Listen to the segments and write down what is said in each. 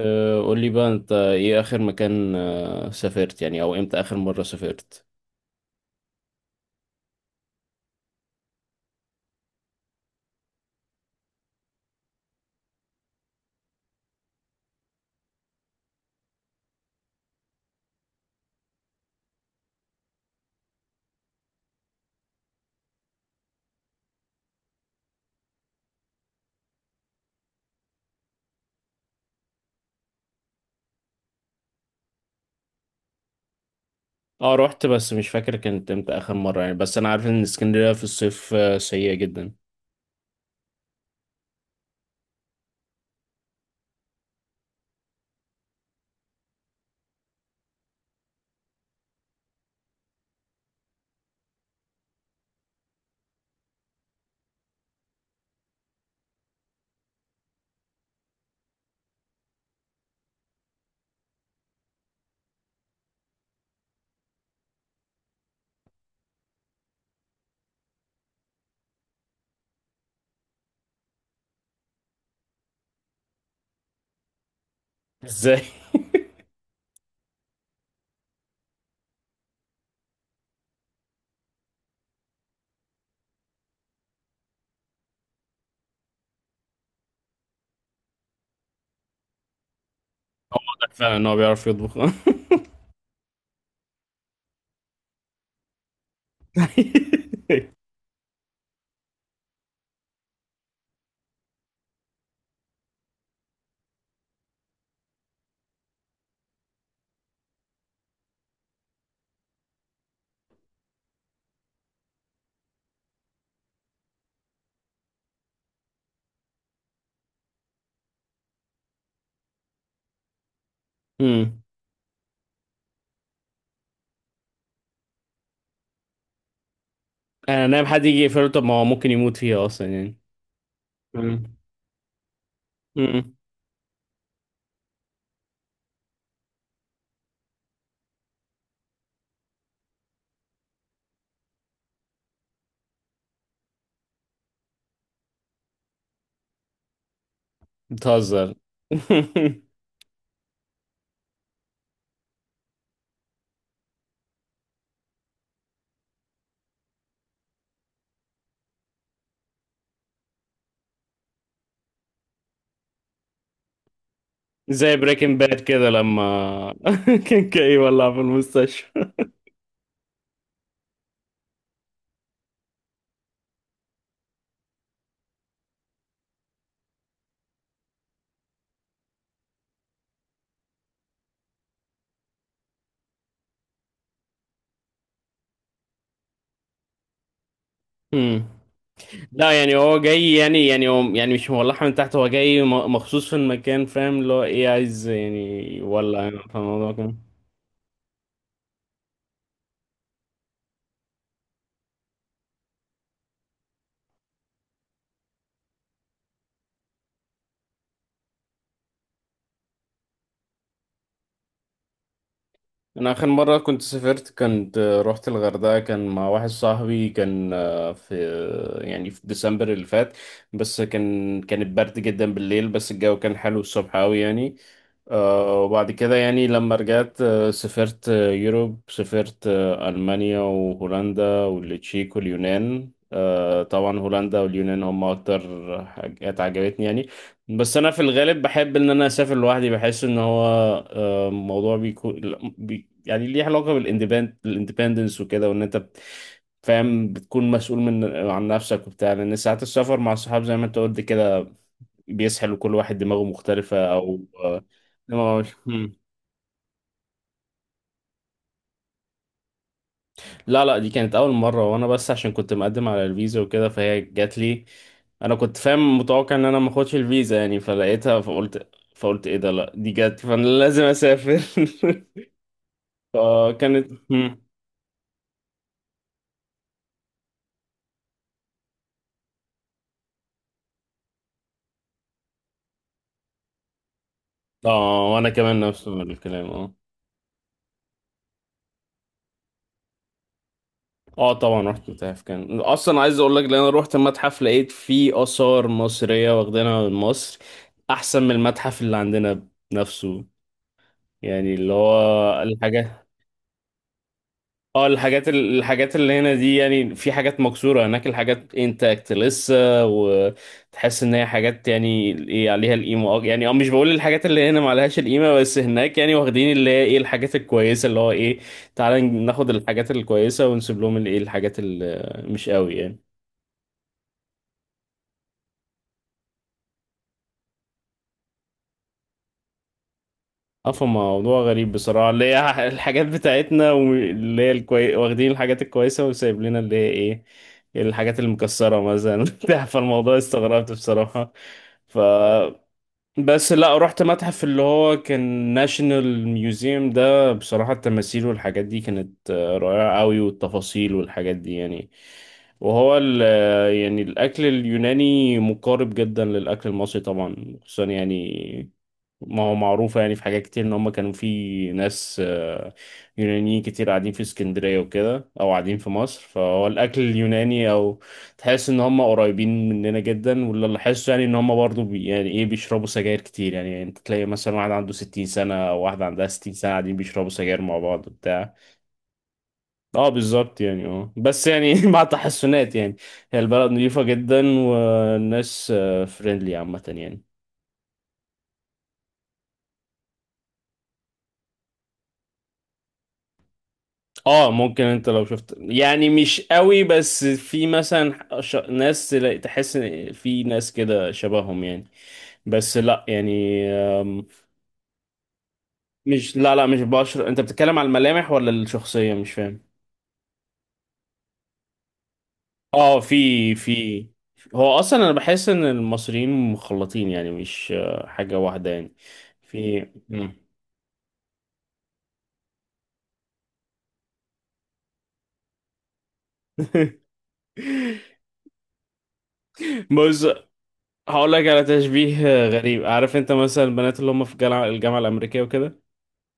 قول لي بقى انت ايه اخر مكان سافرت يعني او امتى اخر مرة سافرت. اه رحت بس مش فاكر كانت امتى اخر مرة يعني، بس انا عارف ان اسكندرية في الصيف سيئة جدا. ازاي؟ هو واضح فعلا ان هو بيعرف يطبخ امم. انا نايم حد يجي يقفله؟ طب ما هو ممكن يموت فيها اصلا يعني. امم. امم. بتهزر؟ زي بريكنج باد كده لما كان كاي ولع في المستشفى امم. لا يعني هو جاي يعني هو يعني مش مولعها من تحت، هو جاي مخصوص في المكان، فاهم اللي هو ايه عايز يعني يولع يعني فاهم الموضوع كده. انا اخر مره كنت سافرت كنت رحت الغردقه، كان مع واحد صاحبي، كان آه، في آه، يعني في ديسمبر اللي فات. بس كان برد جدا بالليل، بس الجو كان حلو الصبح قوي يعني. وبعد كده يعني لما رجعت سافرت آه، يوروب سافرت المانيا وهولندا والتشيك واليونان. طبعا هولندا واليونان هم اكتر حاجات عجبتني يعني. بس انا في الغالب بحب ان انا اسافر لوحدي، بحس ان هو موضوع بيكون يعني ليه علاقة الاندبندنس وكده، وان انت فاهم بتكون مسؤول عن نفسك وبتاع، لان ساعات السفر مع الصحاب زي ما انت قلت كده بيسحل، وكل واحد دماغه مختلفة او مم. لا لا دي كانت اول مرة، وانا بس عشان كنت مقدم على الفيزا وكده فهي جات لي. انا كنت فاهم متوقع ان انا ما اخدش الفيزا يعني، فلقيتها فقلت، ايه ده، لا دي جت فانا لازم اسافر فكانت. اه وانا كمان نفس الكلام اه. اه طبعا رحت متاحف، كان اصلا عايز اقول لك لان انا رحت المتحف لقيت فيه اثار مصريه واخدينها من مصر، احسن من المتحف اللي عندنا نفسه. يعني اللي هو الحاجات. اه الحاجات اللي هنا دي يعني في حاجات مكسوره، هناك الحاجات انتاكت لسه، وتحس ان هي حاجات يعني ايه عليها القيمه. اه يعني اه مش بقول الحاجات اللي هنا ما عليهاش القيمه، بس هناك يعني واخدين اللي هي ايه الحاجات الكويسه، اللي هو ايه تعالى ناخد الحاجات الكويسه ونسيب لهم الايه الحاجات اللي مش قوي يعني. اه موضوع غريب بصراحة، اللي هي الحاجات بتاعتنا واللي هي واخدين الحاجات الكويسة وسايب لنا اللي هي ايه الحاجات المكسرة مثلا بتاع، فالموضوع استغربت بصراحة. ف بس لا رحت متحف اللي هو كان ناشونال ميوزيوم، ده بصراحة التماثيل والحاجات دي كانت رائعة قوي، والتفاصيل والحاجات دي يعني. وهو ال آه، يعني الأكل اليوناني مقارب جدا للأكل المصري طبعا، خصوصا يعني ما هو معروف يعني في حاجات كتير ان هم كانوا في ناس يونانيين كتير قاعدين في اسكندرية وكده او قاعدين في مصر، فهو الاكل اليوناني او تحس ان هم قريبين مننا جدا. واللي لاحظته يعني ان هم برضو يعني ايه بيشربوا سجاير كتير يعني، انت تلاقي مثلا واحد عنده 60 سنة او واحدة عندها 60 سنة قاعدين بيشربوا سجاير مع بعض بتاع. اه بالظبط يعني، اه بس يعني مع تحسنات يعني. هي البلد نظيفة جدا والناس فريندلي عامة يعني. اه ممكن انت لو شفت يعني مش قوي، بس في مثلا ناس تحس ان في ناس كده شبههم يعني، بس لا يعني. مش، لا لا مش بشر، انت بتتكلم على الملامح ولا الشخصية مش فاهم. اه في هو اصلا انا بحس ان المصريين مخلطين يعني، مش حاجة واحدة يعني في. مم. بص هقول لك على تشبيه غريب. عارف انت مثلا البنات اللي هم في الجامعة الأمريكية وكده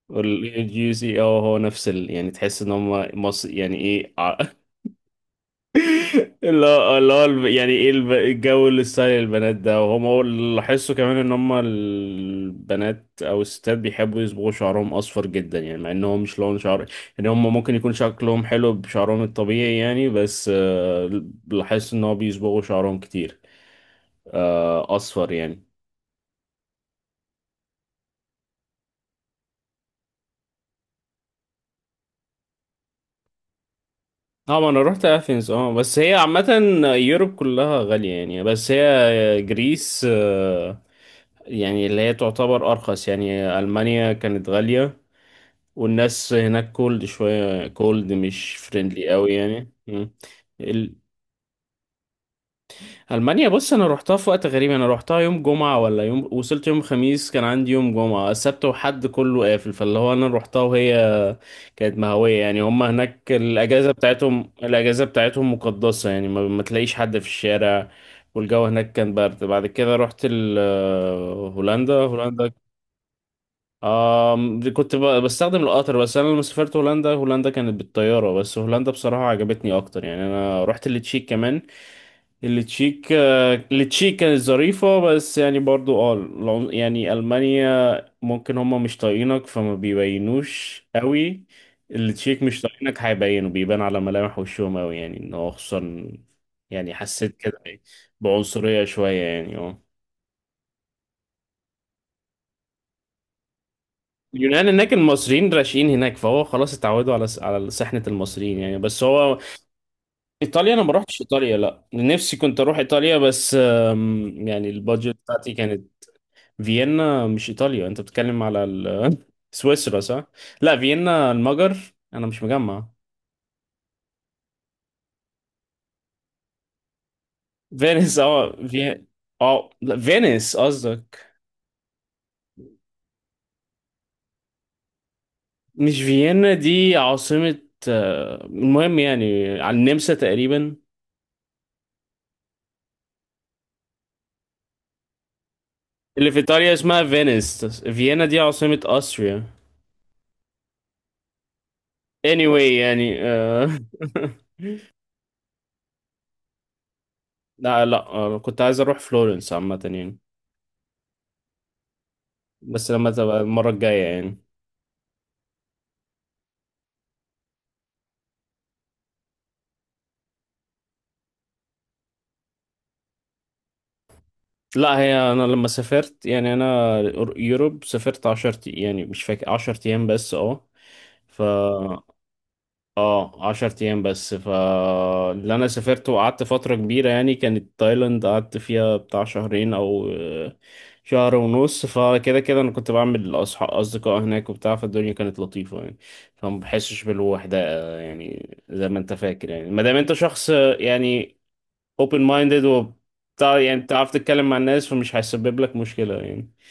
والجي سي، اه هو نفس يعني تحس ان هم يعني ايه اللي هو يعني ايه الجو، اللي ستايل البنات ده. وهم هو اللي لاحظته كمان ان هم البنات او الستات بيحبوا يصبغوا شعرهم اصفر جدا يعني، مع انهم مش لون شعر، يعني هم ممكن يكون شكلهم حلو بشعرهم الطبيعي يعني، بس لاحظت ان هو بيصبغوا شعرهم كتير، اصفر يعني. اه ما انا رحت اثينز اه، بس هي عامة يوروب كلها غالية يعني، بس هي جريس يعني اللي هي تعتبر ارخص يعني. المانيا كانت غالية، والناس هناك كولد شوية، كولد مش فريندلي قوي يعني. مم. ال... ألمانيا بص، أنا روحتها في وقت غريب. أنا روحتها يوم جمعة، ولا يوم وصلت يوم خميس كان عندي يوم جمعة السبت وحد كله قافل، فاللي هو أنا روحتها وهي كانت مهوية يعني. هما هناك الأجازة بتاعتهم، مقدسة يعني، ما تلاقيش حد في الشارع. والجو هناك كان برد. بعد كده رحت ال... آه، هولندا. هولندا دي كنت بستخدم القطر. بس انا لما سافرت هولندا، هولندا كانت بالطياره، بس هولندا بصراحه عجبتني اكتر يعني. انا رحت التشيك كمان. التشيك كانت ظريفه بس، يعني برضو اه يعني المانيا ممكن هما مش طايقينك فما بيبينوش قوي. التشيك مش طايقينك هيبينوا، بيبان على ملامح وشهم قوي يعني ان هو خصوصا، يعني حسيت كده بعنصريه شويه يعني اه. اليونان هناك المصريين راشقين هناك، فهو خلاص اتعودوا على سحنة المصريين يعني بس هو. ايطاليا انا ما روحتش ايطاليا، لا نفسي كنت اروح ايطاليا بس يعني البادجت بتاعتي كانت. فيينا مش ايطاليا، انت بتتكلم على سويسرا صح؟ لا فيينا المجر. انا مش مجمع. فينيس اه، في اه، لا فينيس قصدك؟ مش فيينا دي عاصمة. المهم يعني على النمسا تقريبا. اللي في ايطاليا اسمها فينيس، فيينا دي عاصمة أستريا. anyway يعني لا لا كنت عايز اروح فلورنس عامة يعني، بس لما تبقى المرة الجاية يعني. لا هي انا لما سافرت يعني انا يوروب سافرت 10، يعني مش فاكر، 10 ايام بس. اه، ف اه 10 ايام بس. فاللي انا سافرت وقعدت فترة كبيرة يعني كانت تايلاند، قعدت فيها بتاع شهرين او شهر ونص. فكده كده انا كنت بعمل اصحاب اصدقاء هناك وبتاع، فالدنيا كانت لطيفة يعني، فما بحسش بالوحدة. يعني زي ما انت فاكر يعني ما دام انت شخص يعني open minded وبتاع يعني بتعرف تتكلم مع الناس فمش هيسبب لك مشكلة يعني.